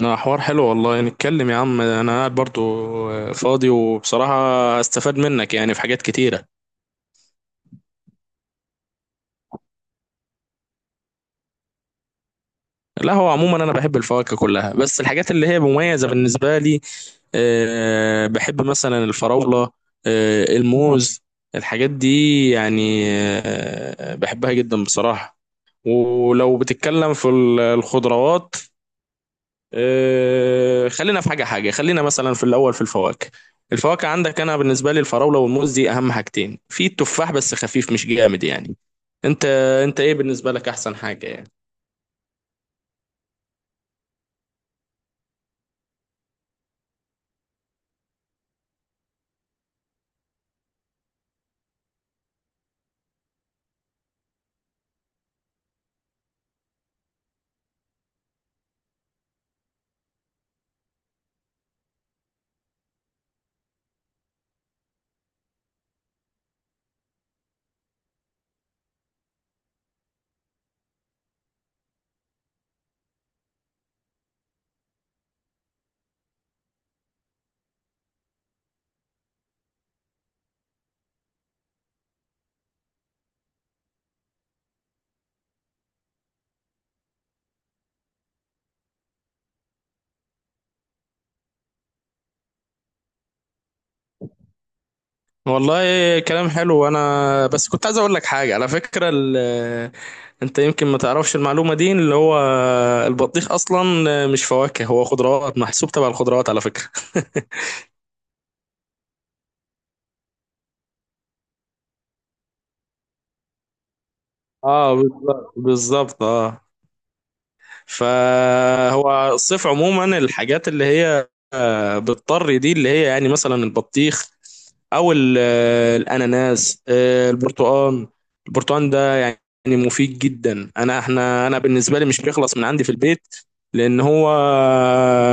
لا، حوار حلو والله. نتكلم يا عم، انا قاعد برضو فاضي وبصراحة استفاد منك يعني في حاجات كتيرة. لا، هو عموما انا بحب الفواكه كلها، بس الحاجات اللي هي مميزة بالنسبة لي بحب مثلا الفراولة، الموز، الحاجات دي يعني. بحبها جدا بصراحة. ولو بتتكلم في الخضروات، خلينا في حاجة حاجة، خلينا مثلا في الأول في الفواكه. الفواكه عندك، أنا بالنسبة لي الفراولة والموز دي أهم حاجتين، في التفاح بس خفيف مش جامد يعني. أنت أنت إيه بالنسبة لك أحسن حاجة يعني؟ والله كلام حلو. أنا بس كنت عايز أقول لك حاجة على فكرة أنت يمكن ما تعرفش المعلومة دي، اللي هو البطيخ أصلا مش فواكه، هو خضروات، محسوب تبع الخضروات على فكرة. اه بالظبط بالظبط اه. فهو الصيف عموما الحاجات اللي هي بتضطر، دي اللي هي يعني مثلا البطيخ او الاناناس، البرتقال ده يعني مفيد جدا. انا بالنسبه لي مش بيخلص من عندي في البيت، لان هو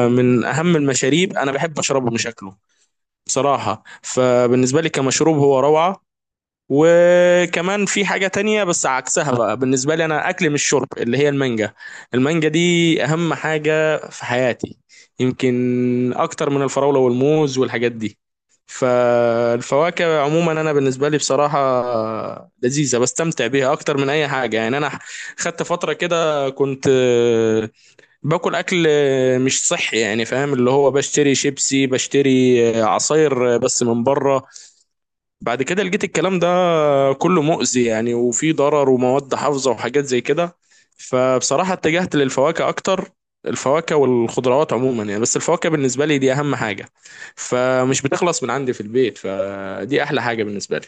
من اهم المشاريب. انا بحب اشربه مش اكله بصراحه، فبالنسبه لي كمشروب هو روعه. وكمان في حاجة تانية بس عكسها بقى، بالنسبة لي أنا أكل مش شرب، اللي هي المانجا. المانجا دي أهم حاجة في حياتي، يمكن أكتر من الفراولة والموز والحاجات دي. فالفواكه عموما أنا بالنسبة لي بصراحة لذيذة، بستمتع بيها أكتر من أي حاجة يعني. أنا خدت فترة كده كنت باكل أكل مش صحي، يعني فاهم، اللي هو بشتري شيبسي، بشتري آه، عصاير بس من بره. بعد كده لقيت الكلام ده كله مؤذي يعني، وفيه ضرر ومواد حافظة وحاجات زي كده، فبصراحة اتجهت للفواكه أكتر. الفواكه والخضروات عموما يعني، بس الفواكه بالنسبة لي دي أهم حاجة، فمش بتخلص من عندي في البيت، فدي أحلى حاجة بالنسبة لي.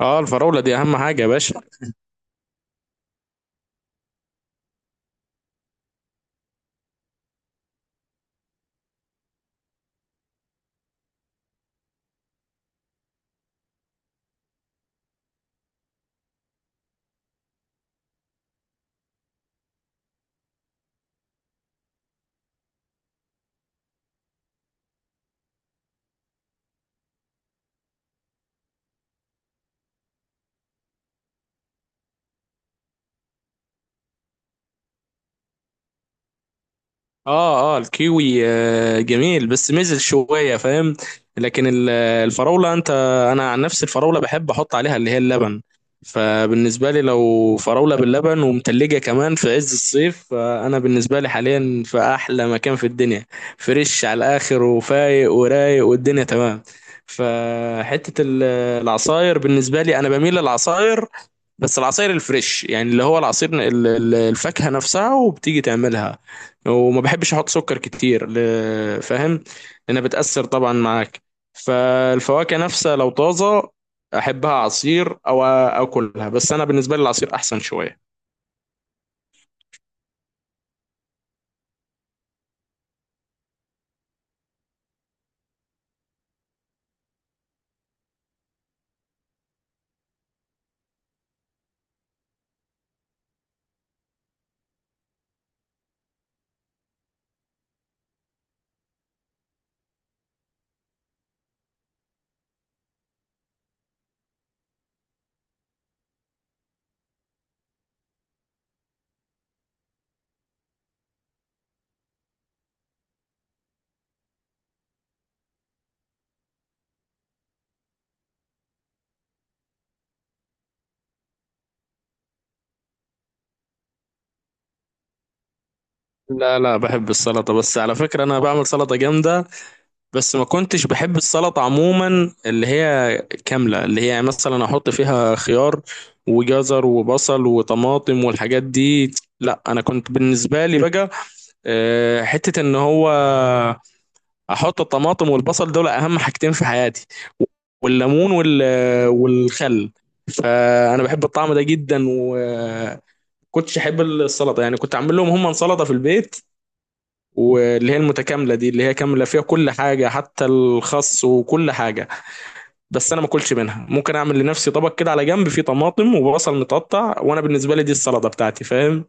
اه، الفراولة دي أهم حاجة يا باشا. اه اه، الكيوي جميل بس مزل شويه فاهم. لكن الفراوله انا عن نفسي الفراوله بحب احط عليها اللي هي اللبن، فبالنسبه لي لو فراوله باللبن ومتلجه كمان في عز الصيف، فانا بالنسبه لي حاليا في احلى مكان في الدنيا، فريش على الاخر وفايق ورايق والدنيا تمام. فحته العصاير، بالنسبه لي انا بميل للعصاير، بس العصير الفريش يعني اللي هو العصير، الفاكهة نفسها، وبتيجي تعملها وما بحبش احط سكر كتير، فاهم، لانها بتأثر طبعا معاك. فالفواكه نفسها لو طازة، احبها عصير او اكلها، بس انا بالنسبة لي العصير احسن شوية. لا لا، بحب السلطة، بس على فكرة انا بعمل سلطة جامدة. بس ما كنتش بحب السلطة عموما اللي هي كاملة، اللي هي مثلا احط فيها خيار وجزر وبصل وطماطم والحاجات دي. لا، انا كنت بالنسبة لي بقى حتة ان هو احط الطماطم والبصل دول اهم حاجتين في حياتي، والليمون والخل. فانا بحب الطعم ده جدا، وكنتش احب السلطة يعني، كنت اعمل لهم هم سلطة في البيت، واللي هي المتكامله دي اللي هي كامله فيها كل حاجه حتى الخس وكل حاجه، بس انا ما اكلش منها. ممكن اعمل لنفسي طبق كده على جنب فيه طماطم وبصل متقطع، وانا بالنسبه لي دي السلطه بتاعتي فاهم.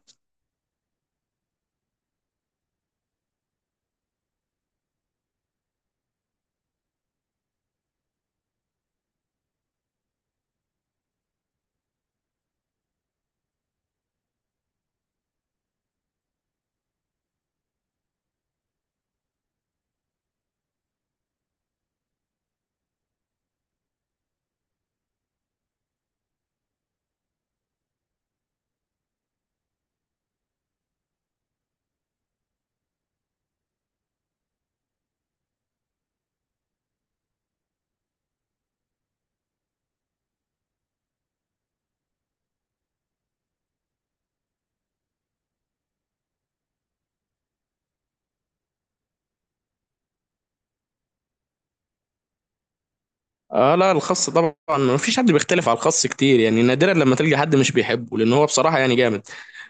اه، لا الخس طبعا ما فيش حد بيختلف على الخس كتير يعني، نادرا لما تلقى حد مش بيحبه، لان هو بصراحه يعني جامد.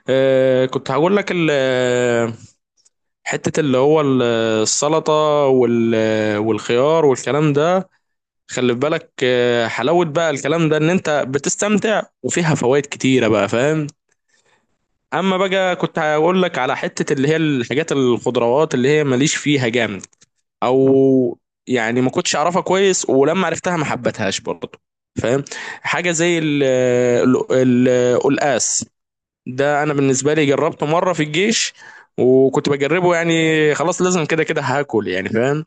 كنت هقول لك حته اللي هو السلطه والخيار والكلام ده. خلي بالك حلاوة بقى الكلام ده، ان انت بتستمتع وفيها فوائد كتيرة بقى فاهم. اما بقى كنت هقول لك على حتة اللي هي الحاجات، الخضروات اللي هي ماليش فيها جامد او يعني ما كنتش اعرفها كويس، ولما عرفتها ما حبتهاش برضه فاهم. حاجة زي القلقاس، ده انا بالنسبة لي جربته مرة في الجيش، وكنت بجربه يعني خلاص لازم، كده كده هاكل يعني فاهم،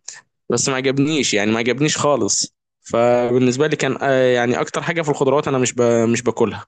بس ما عجبنيش يعني ما عجبنيش خالص. فبالنسبة لي كان يعني أكتر حاجة في الخضروات أنا مش باكلها.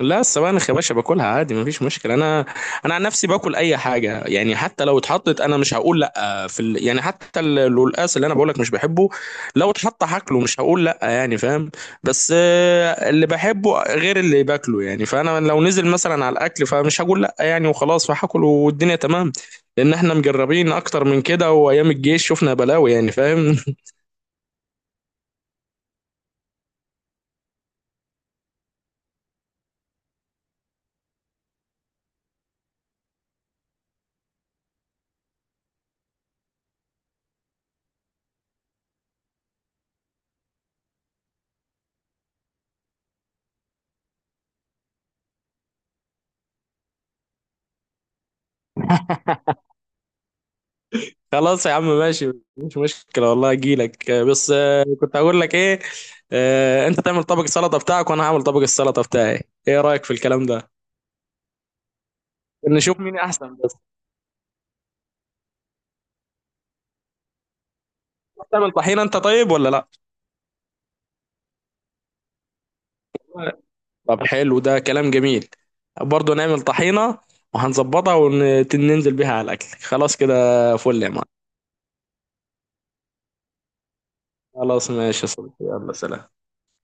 لا، السبانخ يا باشا باكلها عادي مفيش مشكله. انا عن نفسي باكل اي حاجه يعني، حتى لو اتحطت انا مش هقول لا يعني حتى القلقاس اللي انا بقولك مش بحبه، لو اتحط هاكله مش هقول لا يعني فاهم. بس اللي بحبه غير اللي باكله يعني، فانا لو نزل مثلا على الاكل فمش هقول لا يعني، وخلاص فهاكل والدنيا تمام. لان احنا مجربين اكتر من كده، وايام الجيش شفنا بلاوي يعني فاهم. خلاص يا عم ماشي، مش مشكلة والله اجيلك. بس كنت هقول لك ايه، انت تعمل طبق السلطة بتاعك وانا هعمل طبق السلطة بتاعي. ايه رأيك في الكلام ده؟ نشوف مين احسن بس. تعمل طحينة انت طيب ولا لا؟ طب حلو، ده كلام جميل. برضه نعمل طحينة وهنظبطها وننزل بيها على الاكل، خلاص كده. فل يا معلم. خلاص، ماشي يا صديقي، يلا سلام.